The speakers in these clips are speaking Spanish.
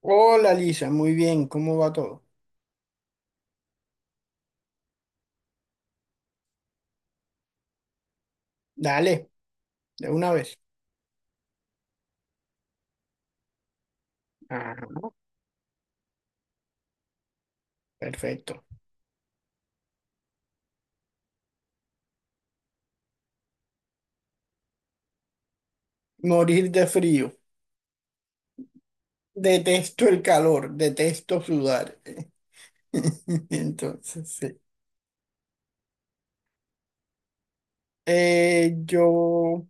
Hola Lisa, muy bien, ¿cómo va todo? Dale, de una vez. Ah, perfecto. Morir de frío. Detesto el calor, detesto sudar. Entonces, sí. Eh, yo,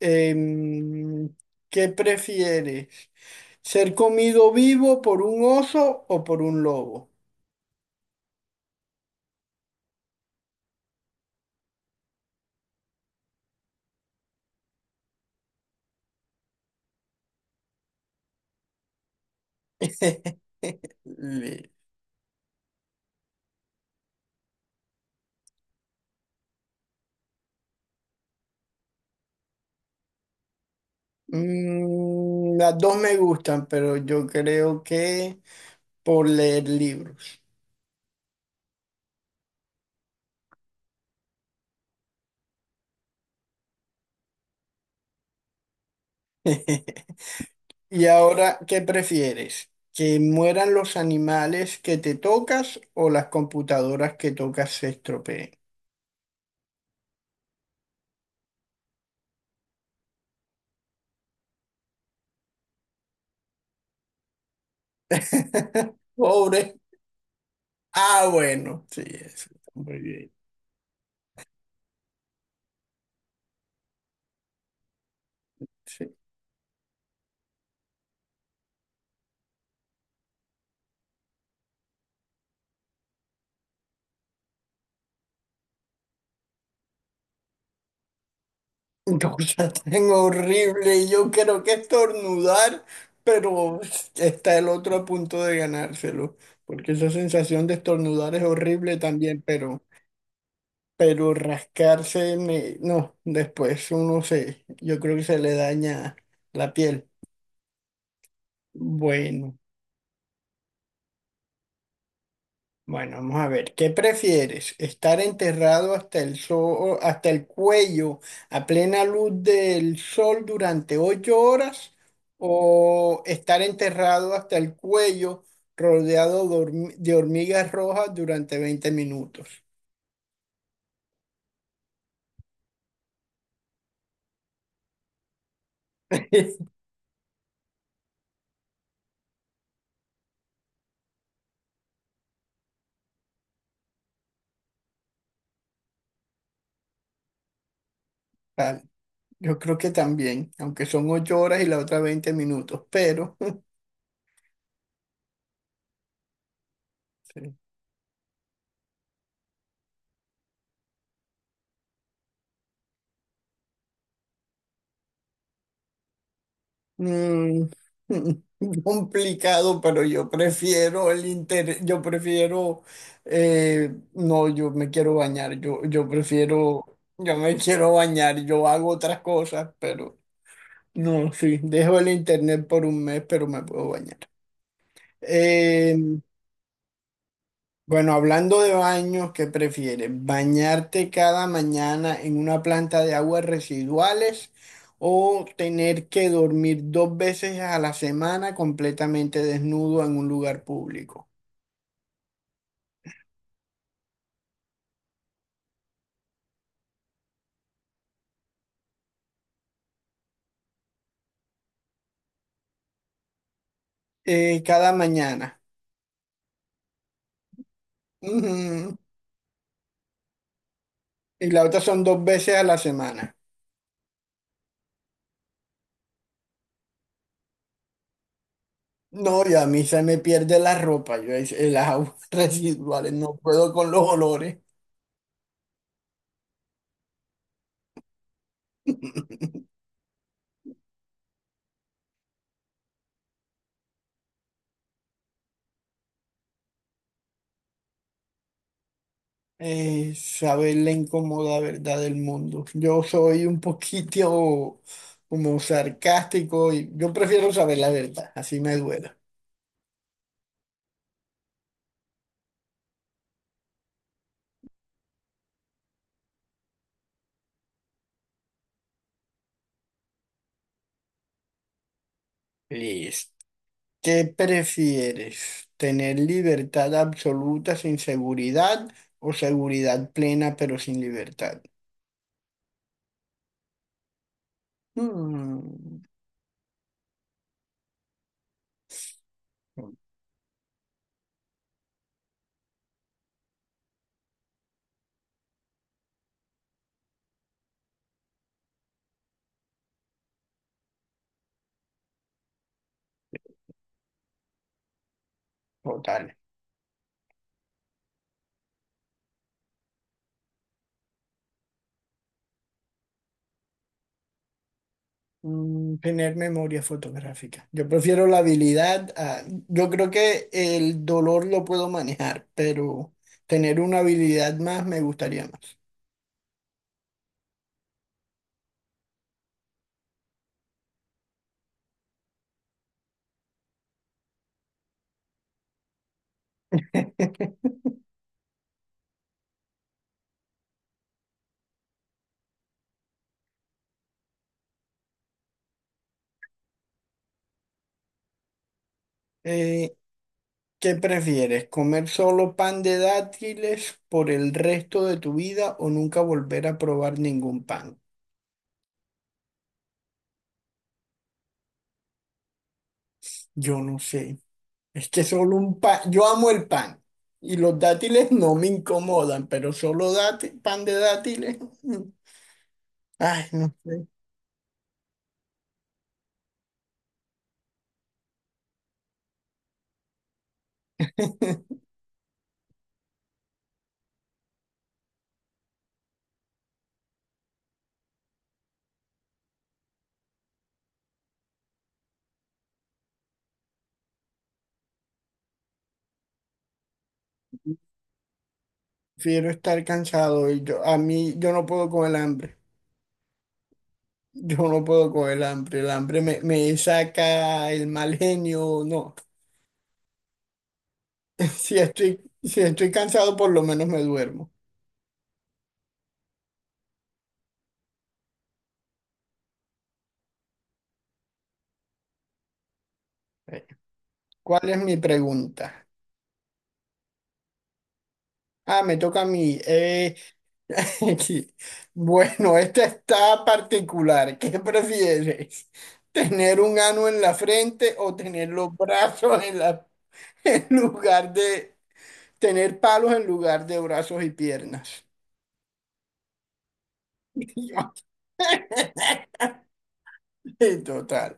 em, ¿Qué prefieres? ¿Ser comido vivo por un oso o por un lobo? Le- las dos me gustan, pero yo creo que por leer libros. Y ahora, ¿qué prefieres? ¿Que mueran los animales que te tocas o las computadoras que tocas se estropeen? Pobre. Ah, bueno, sí, eso está muy bien. Sí. Cosa tan horrible, y yo creo que estornudar, pero está el otro a punto de ganárselo. Porque esa sensación de estornudar es horrible también, pero rascarse, no, después uno se, yo creo que se le daña la piel. Bueno, bueno, vamos a ver. ¿Qué prefieres? ¿Estar enterrado hasta el sol, hasta el cuello a plena luz del sol durante 8 horas? ¿O estar enterrado hasta el cuello rodeado de de hormigas rojas durante 20 minutos? Tal. Yo creo que también, aunque son 8 horas y la otra 20 minutos, pero Mm, complicado, pero yo prefiero el interés, yo prefiero, no, yo me quiero bañar, yo prefiero, yo me quiero bañar, yo hago otras cosas, pero no, sí, dejo el internet por un mes, pero me puedo bañar. Em, bueno, hablando de baños, ¿qué prefieres? ¿Bañarte cada mañana en una planta de aguas residuales o tener que dormir dos veces a la semana completamente desnudo en un lugar público? Cada mañana. Ujú. Y la otra son dos veces a la semana. No, y a mí se me pierde la ropa, yo es- el agua residuales, no puedo con los olores. Saber la incómoda verdad del mundo. Yo soy un poquito como sarcástico y yo prefiero saber la verdad, así me duela. Listo. ¿Qué prefieres? ¿Tener libertad absoluta sin seguridad o seguridad plena pero sin libertad? Hmm, Total. Tener memoria fotográfica. Yo prefiero la habilidad. Yo creo que el dolor lo puedo manejar, pero tener una habilidad más me gustaría más. Eh, ¿Qué prefieres? ¿Comer solo pan de dátiles por el resto de tu vida o nunca volver a probar ningún pan? Yo no sé. Es que solo un pan. Yo amo el pan y los dátiles no me incomodan, pero solo pan de dátiles. mm, Ay, no sé. Prefiero estar cansado y a mí, yo no puedo con el hambre. Yo no puedo con el hambre. El hambre me saca el mal genio. No. Si estoy cansado, por lo menos me duermo. Eh, ¿Cuál es mi pregunta? Ah, me toca a mí. Sí. Bueno, esta está particular. ¿Qué prefieres? ¿Tener un ano en la frente o tener los brazos en la, en lugar de tener palos en lugar de brazos y piernas? Total.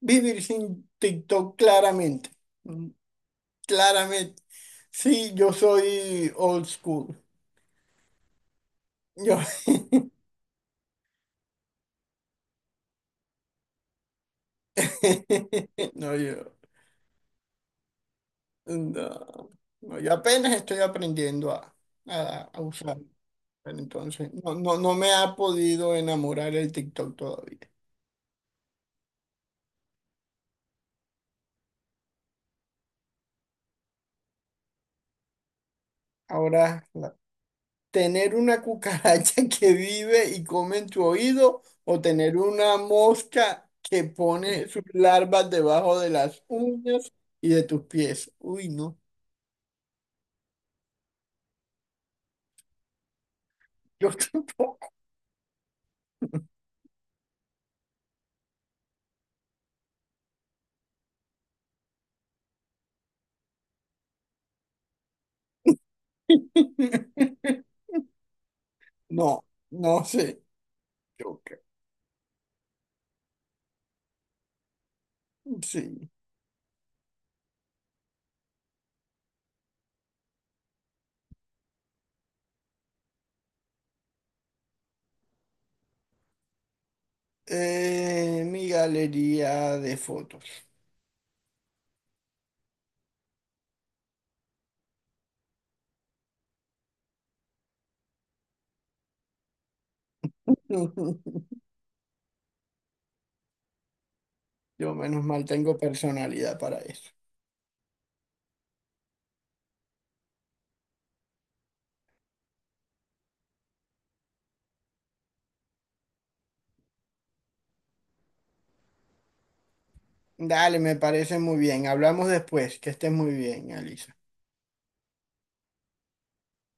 Vivir sin TikTok claramente. Mm, Claramente. Sí, yo soy old school. Yo, no, yo, no, no, yo apenas estoy aprendiendo a, a usar. Pero entonces, no, no, no me ha podido enamorar el TikTok todavía. Ahora, ¿tener una cucaracha que vive y come en tu oído o tener una mosca que pone sus larvas debajo de las uñas y de tus pies? Uy, no, yo tampoco. No, no sé. Yo creo- sí. Mi galería de fotos. Yo menos mal tengo personalidad para eso. Dale, me parece muy bien. Hablamos después. Que estés muy bien, Alisa.